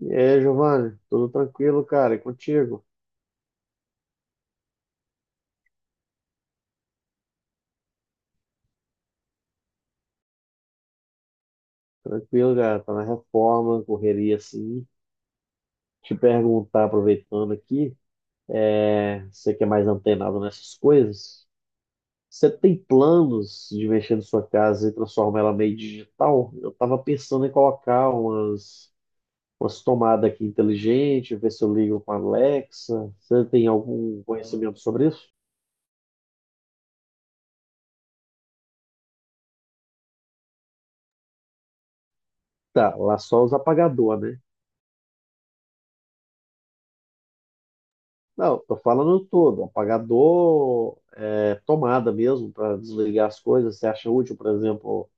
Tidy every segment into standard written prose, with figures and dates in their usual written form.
E aí, Giovanni, tudo tranquilo, cara? E contigo? Tranquilo, cara. Tá na reforma, correria assim. Te perguntar, aproveitando aqui, você que é mais antenado nessas coisas, você tem planos de mexer na sua casa e transformar ela meio digital? Eu tava pensando em colocar umas tomadas aqui inteligentes, ver se eu ligo com a Alexa. Você tem algum conhecimento sobre isso? Tá, lá só os apagador, né? Não, tô falando todo, um apagador, tomada mesmo para desligar as coisas. Você acha útil, por exemplo,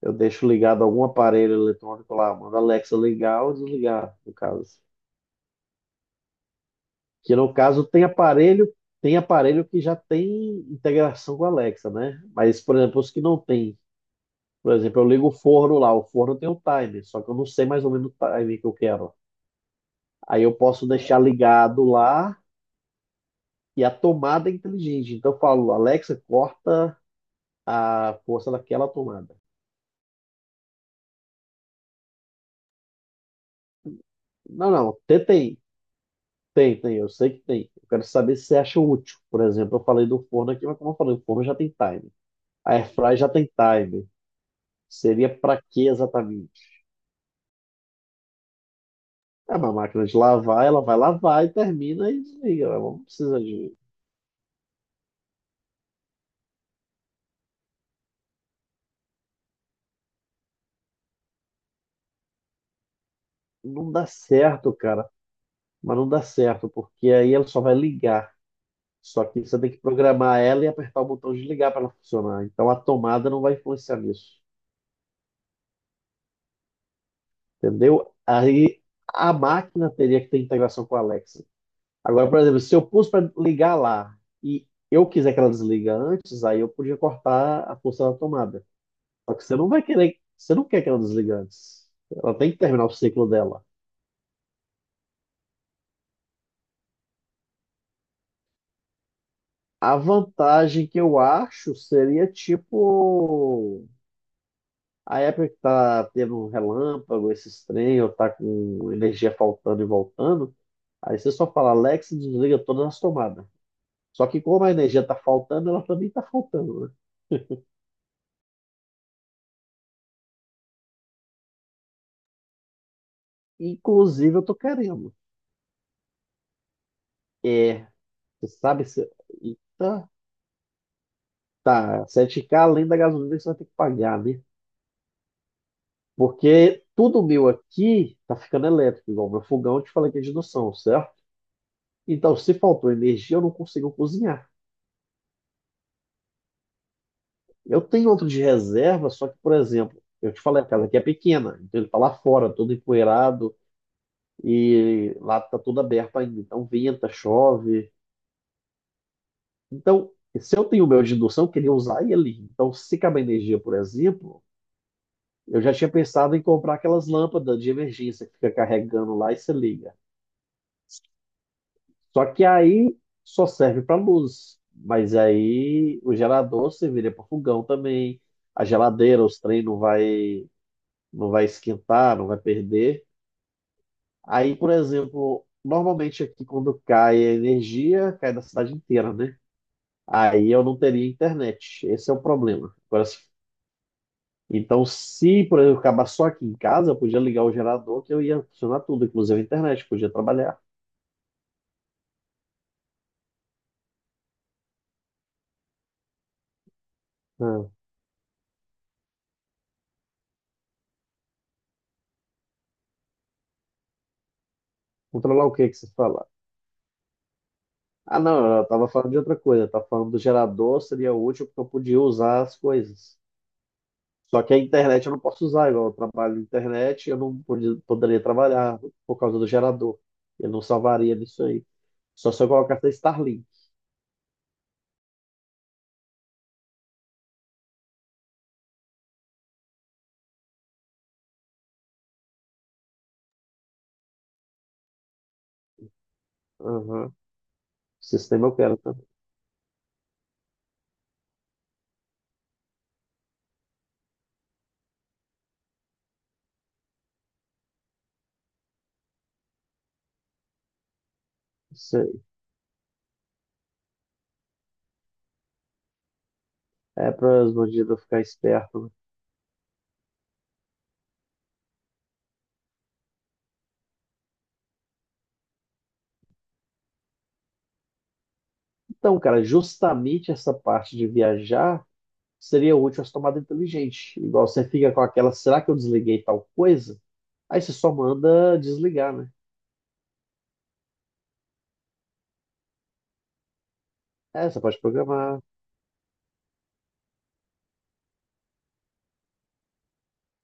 eu deixo ligado algum aparelho eletrônico lá, mando a Alexa ligar ou desligar, no caso. Que no caso tem aparelho que já tem integração com a Alexa, né? Mas, por exemplo, os que não tem, por exemplo, eu ligo o forno lá, o forno tem o timer, só que eu não sei mais ou menos o timer que eu quero. Aí eu posso deixar ligado lá e a tomada é inteligente. Então eu falo, Alexa, corta a força daquela tomada. Não, não, tentei. Eu sei que tem. Eu quero saber se você acha útil. Por exemplo, eu falei do forno aqui, mas como eu falei, o forno já tem time. A airfryer já tem time. Seria para que exatamente? É uma máquina de lavar, ela vai lavar e termina e desliga. Ela não precisa de. Não dá certo, cara. Mas não dá certo, porque aí ela só vai ligar. Só que você tem que programar ela e apertar o botão de ligar para ela funcionar. Então a tomada não vai influenciar nisso. Entendeu? Aí a máquina teria que ter integração com a Alexa. Agora, por exemplo, se eu pus para ligar lá e eu quiser que ela desliga antes, aí eu podia cortar a função da tomada. Só que você não vai querer, você não quer que ela desligue antes. Ela tem que terminar o ciclo dela. A vantagem que eu acho seria tipo a época que tá tendo um relâmpago, esses trem, ou tá com energia faltando e voltando, aí você só fala Alexa desliga todas as tomadas. Só que como a energia está faltando, ela também está faltando. Né? Inclusive, eu tô querendo. É, você sabe se. Eita, tá, 7K além da gasolina que você vai ter que pagar, né? Porque tudo meu aqui tá ficando elétrico, igual meu fogão, eu te falei que é de indução, certo? Então, se faltou energia, eu não consigo cozinhar. Eu tenho outro de reserva, só que, por exemplo, eu te falei, a casa aqui é pequena, então ele tá lá fora, todo empoeirado, e lá tá tudo aberto ainda. Então, venta, chove. Então, se eu tenho o meu de indução, eu queria usar ele. Então, se acabar a energia, por exemplo, eu já tinha pensado em comprar aquelas lâmpadas de emergência que fica carregando lá e se liga. Só que aí só serve para luz. Mas aí o gerador serviria para fogão também. A geladeira, os trem não vai esquentar, não vai perder. Aí, por exemplo, normalmente aqui quando cai a energia, cai da cidade inteira, né? Aí eu não teria internet. Esse é o problema. Agora, se Então, se, por exemplo, acabar só aqui em casa, eu podia ligar o gerador que eu ia funcionar tudo, inclusive a internet, podia trabalhar. Ah, controlar o que que você fala? Ah, não, eu tava falando de outra coisa, eu tava falando do gerador, seria útil porque eu podia usar as coisas. Só que a internet eu não posso usar, igual eu trabalho na internet, eu não poderia trabalhar por causa do gerador. Eu não salvaria nisso aí. Só se eu colocasse Starlink. Aham. O sistema eu quero também. Isso aí. É para os bandidos ficar espertos. Então, cara, justamente essa parte de viajar seria útil as tomadas inteligentes. Igual você fica com aquela, será que eu desliguei tal coisa? Aí você só manda desligar, né? É, você pode programar.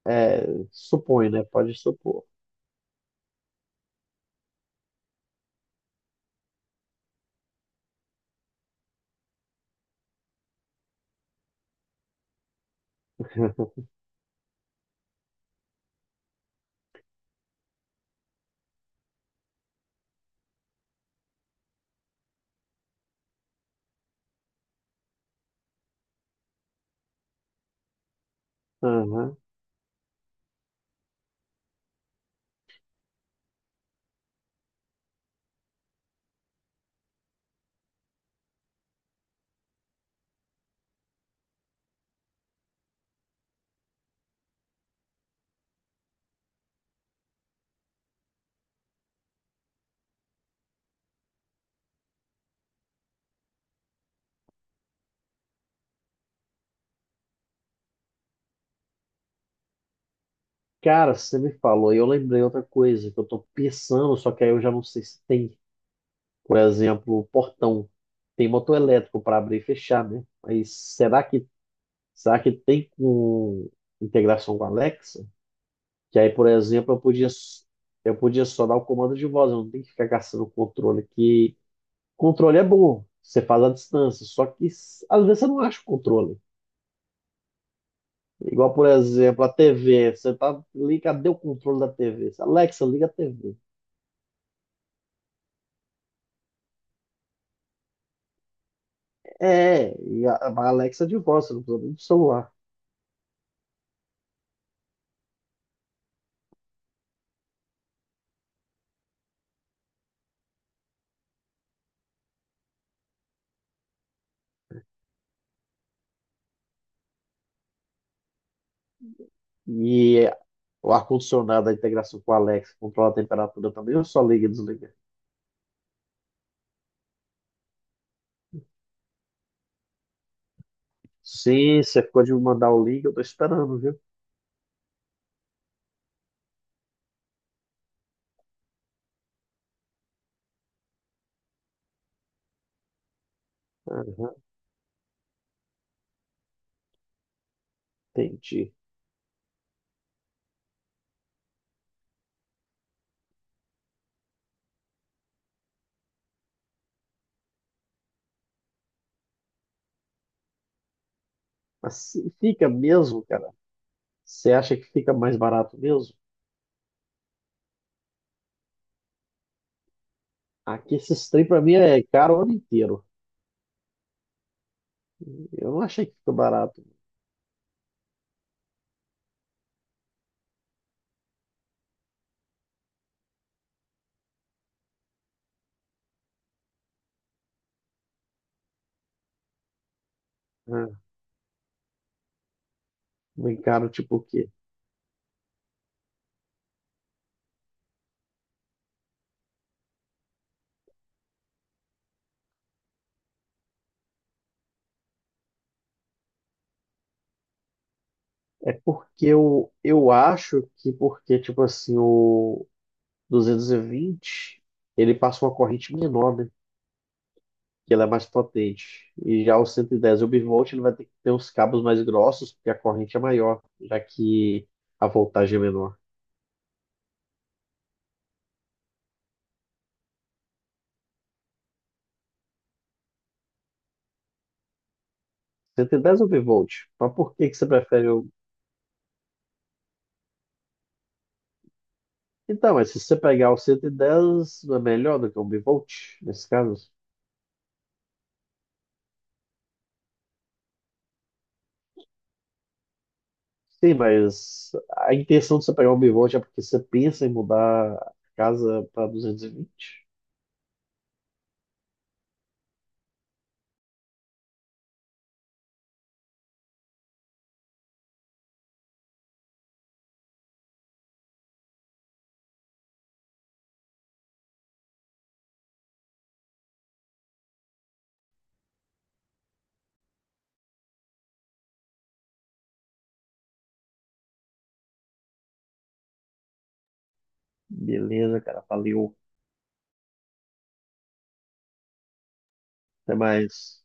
É, supõe, né? Pode supor. Aham. Cara, você me falou, e eu lembrei outra coisa que eu tô pensando, só que aí eu já não sei se tem. Por exemplo, portão. Tem motor elétrico para abrir e fechar, né? Mas será que tem com integração com a Alexa? Que aí, por exemplo, eu podia só dar o comando de voz, eu não tenho que ficar caçando o controle, que controle é bom, você faz à distância, só que às vezes você não acha o controle. Igual, por exemplo, a TV, você tá ali, cadê o controle da TV? Alexa, liga a TV. É, e a Alexa é de voz, você não precisa nem do celular. E o ar-condicionado, a integração com a Alexa, controla a temperatura também, ou só liga e desliga? Sim, você ficou de me mandar o link, eu tô esperando, viu? Aham, entendi. Mas se fica mesmo, cara. Você acha que fica mais barato mesmo? Aqui esses trem pra mim é caro o ano inteiro. Eu não achei que fica barato, né? Bem caro, tipo o quê? É porque eu acho que porque, tipo assim, o 220 ele passa uma corrente menor, né? Que ela é mais potente. E já o 110 obvolt ele vai ter que ter uns cabos mais grossos, porque a corrente é maior, já que a voltagem é menor. 110 obvolt. Mas por que que você prefere o. Então, mas se você pegar o 110, não é melhor do que o bivolt, nesse caso? Sim, mas a intenção de você pegar o bivolt é porque você pensa em mudar a casa para 220. Beleza, cara, valeu. Até mais.